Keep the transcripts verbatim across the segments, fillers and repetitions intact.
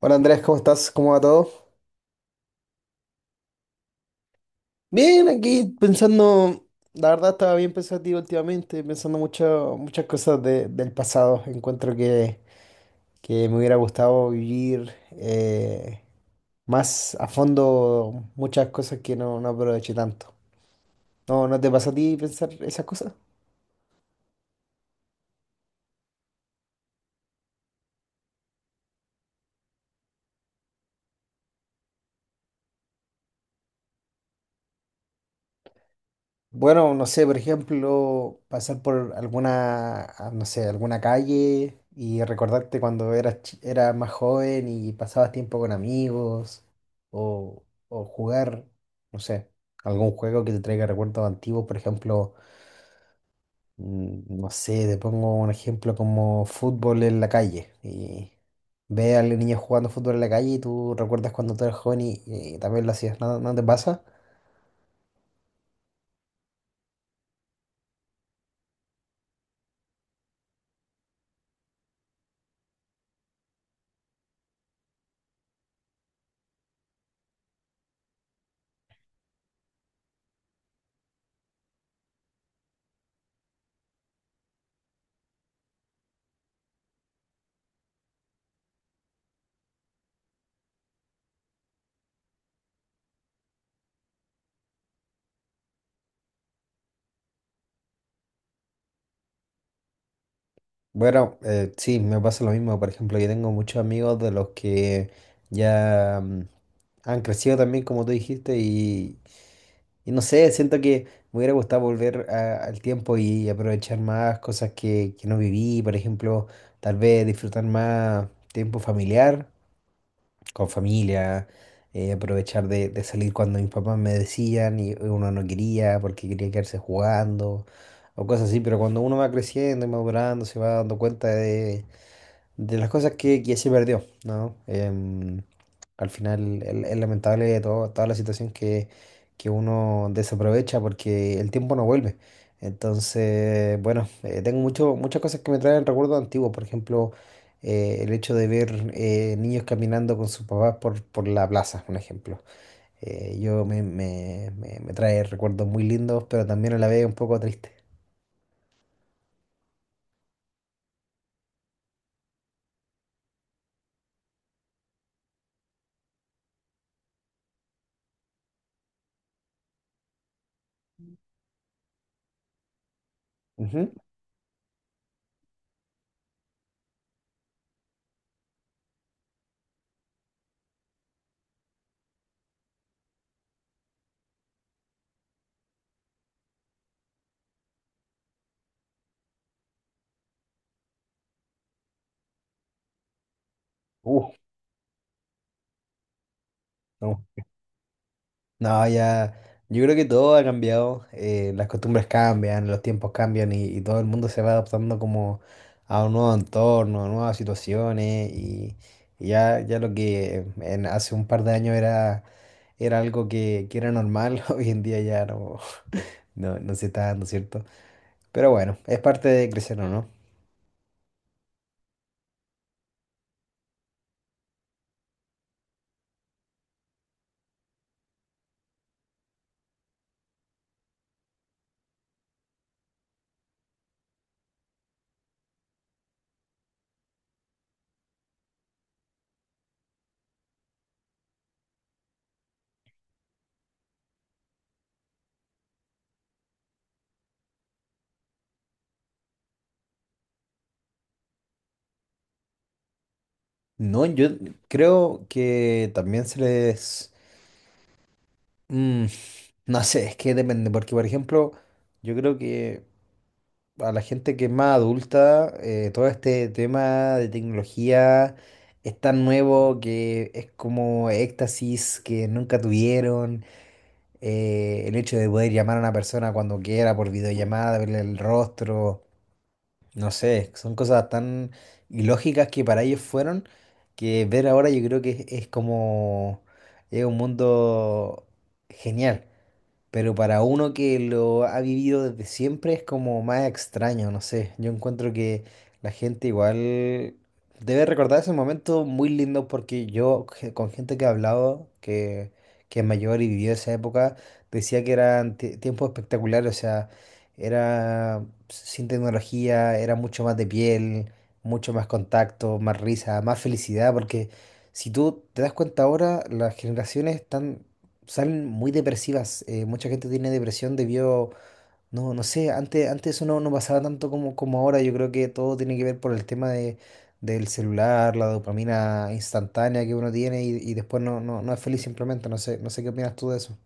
Hola Andrés, ¿cómo estás? ¿Cómo va todo? Bien, aquí pensando, la verdad estaba bien pensativo últimamente, pensando mucho, muchas cosas de- del pasado. Encuentro que, que me hubiera gustado vivir eh, más a fondo muchas cosas que no, no aproveché tanto. ¿No, no te pasa a ti pensar esas cosas? Bueno, no sé, por ejemplo, pasar por alguna, ah, no sé, alguna calle y recordarte cuando eras, chi- eras más joven y pasabas tiempo con amigos o, o jugar, no sé, algún juego que te traiga recuerdos antiguos, por ejemplo, mm, no sé, te pongo un ejemplo como fútbol en la calle y ve a los niños jugando fútbol en la calle y tú recuerdas cuando tú eras joven y, y también lo hacías, ¿no, no te pasa? Bueno, eh, sí, me pasa lo mismo. Por ejemplo, yo tengo muchos amigos de los que ya mm, han crecido también, como tú dijiste, y, y no sé, siento que me hubiera gustado volver a- al tiempo y aprovechar más cosas que, que, no viví. Por ejemplo, tal vez disfrutar más tiempo familiar, con familia, eh, aprovechar de, de salir cuando mis papás me decían y uno no quería porque quería quedarse jugando o cosas así, pero cuando uno va creciendo y madurando, se va dando cuenta de, de, las cosas que, que se perdió, ¿no? Em, al final el- es lamentable todo- toda la situación que, que uno desaprovecha porque el tiempo no vuelve. Entonces, bueno, eh, tengo mucho, muchas cosas que me traen recuerdos antiguos. Por ejemplo, eh, el hecho de ver eh, niños caminando con sus papás por, por la plaza, un ejemplo. Eh, yo me, me, me- me trae recuerdos muy lindos, pero también a la vez un poco triste. Ujú. Uh, no. No, ya, yo creo que todo ha cambiado, eh, las costumbres cambian, los tiempos cambian y, y todo el mundo se va adaptando como a un nuevo entorno, a nuevas situaciones y, y ya, ya, lo que en- hace un par de años era, era, algo que, que era normal, hoy en día ya no, no, no se está dando, ¿cierto? Pero bueno, es parte de crecer, ¿o no? No, yo creo que también se les... mm, no sé, es que depende, porque por ejemplo, yo creo que a la gente que es más adulta, eh, todo este tema de tecnología es tan nuevo que es como éxtasis que nunca tuvieron. Eh, el hecho de poder llamar a una persona cuando quiera por videollamada, verle el rostro, no sé, son cosas tan ilógicas que para ellos fueron, que ver ahora yo creo que es, es, como, es un mundo genial. Pero para uno que lo ha vivido desde siempre es como más extraño, no sé. Yo encuentro que la gente igual debe recordar esos momentos muy lindos porque yo ge- con gente que he hablado, que, que es mayor y vivió esa época, decía que eran tie- tiempos espectaculares, o sea, era sin tecnología, era mucho más de piel, mucho más contacto, más risa, más felicidad, porque si tú te das cuenta ahora, las generaciones están salen muy depresivas. Eh, mucha gente tiene depresión debido, no, no sé, antes, antes eso no, no pasaba tanto como, como ahora. Yo creo que todo tiene que ver por el tema de, del celular, la dopamina instantánea que uno tiene y, y después no, no, no es feliz simplemente. No sé, no sé qué opinas tú de eso.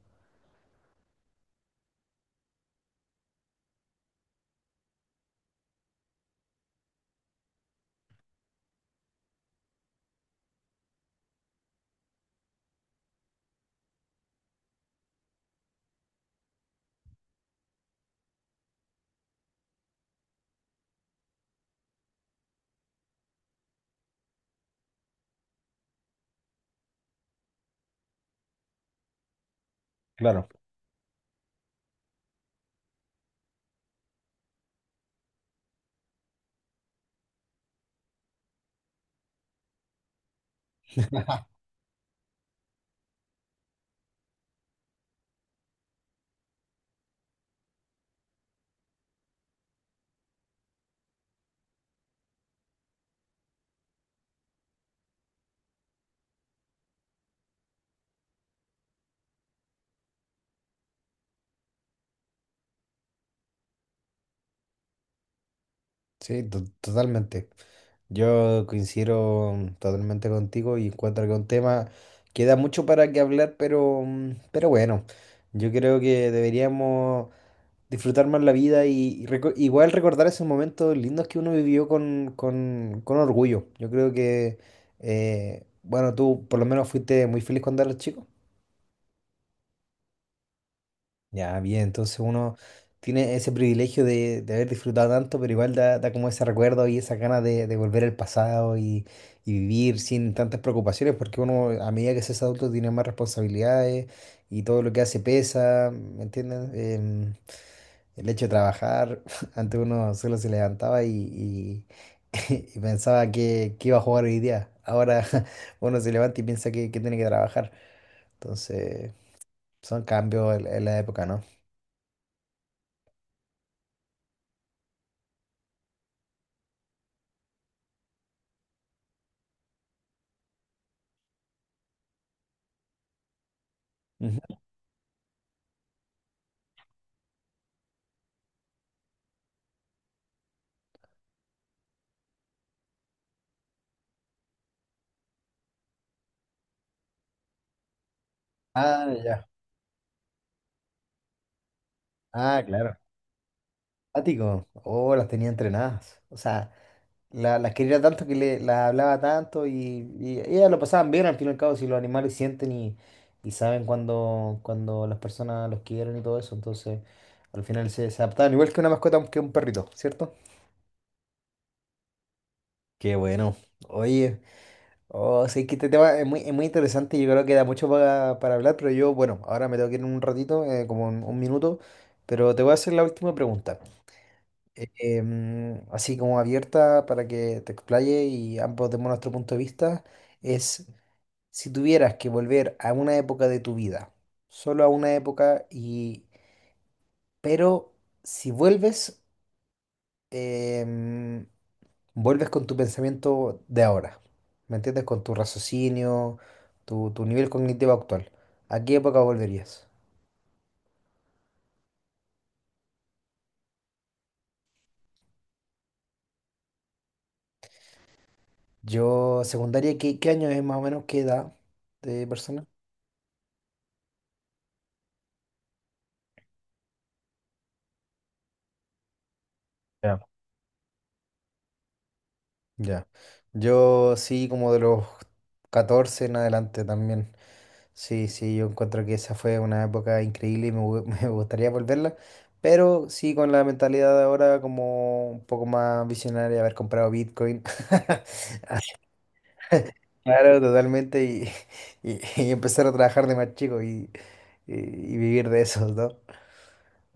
Claro. Sí, to- totalmente. Yo coincido totalmente contigo y encuentro que un tema queda mucho para que hablar, pero, mm, pero bueno, yo creo que deberíamos disfrutar más la vida y, y reco- igual recordar esos momentos lindos que uno vivió con, con- con orgullo. Yo creo que, eh, bueno, tú por lo menos fuiste muy feliz cuando eras chico. Ya, bien, entonces uno tiene ese privilegio de, de haber disfrutado tanto, pero igual da, da como ese recuerdo y esa ganas de, de volver al pasado y, y vivir sin tantas preocupaciones, porque uno a medida que se es adulto tiene más responsabilidades y todo lo que hace pesa, ¿me entiendes? Em, El hecho de trabajar, antes uno solo se levantaba y, y- y pensaba que, que iba a jugar hoy día. Ahora uno se levanta y piensa que, que tiene que trabajar. Entonces, son cambios en, en la época, ¿no? Ujú. Ah, ya. Ah, claro. Ático. Oh, las tenía entrenadas. O sea, La, las quería tanto que le, las hablaba tanto y, y ellas lo pasaban bien al fin y al cabo si los animales sienten y, y saben cuando, cuando las personas los quieren y todo eso, entonces al final se, se adaptaban igual que una mascota que un perrito, ¿cierto? Qué bueno. Oye, oh, sí que este tema es muy, es muy interesante y yo creo que da mucho para, para hablar, pero yo, bueno, ahora me tengo que ir en un ratito, eh, como en un minuto, pero te voy a hacer la última pregunta. eh, em, así como abierta para que te explaye y ambos demos nuestro punto de vista, es si tuvieras que volver a una época de tu vida, solo a una época, y, pero si vuelves, em, vuelves con tu pensamiento de ahora, ¿me entiendes? Con tu raciocinio, tu, tu nivel cognitivo actual. ¿A qué época volverías? Yo, secundaria, ¿qué, qué año es más o menos? ¿Qué edad de persona? Ya. Ya. Yo sí, como de los catorce en adelante también. Sí, sí, yo encuentro que esa fue una época increíble y me, gu- me gustaría volverla. Pero sí, con la mentalidad de ahora como un poco más visionaria, haber comprado Bitcoin. Claro, totalmente. Y, y- y empezar a trabajar de más chico y, y- y vivir de eso, ¿no?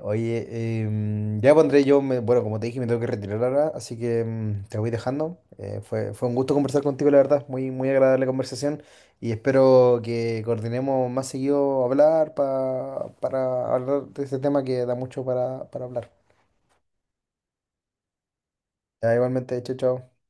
Oye, em, ya pondré yo, me- bueno, como te dije, me tengo que retirar ahora, así que em, te voy dejando. Eh, fue, fue un gusto conversar contigo, la verdad, muy, muy agradable conversación y espero que coordinemos más seguido hablar pa- para hablar de este tema que da mucho para, para hablar. Ya, igualmente, chao, chao.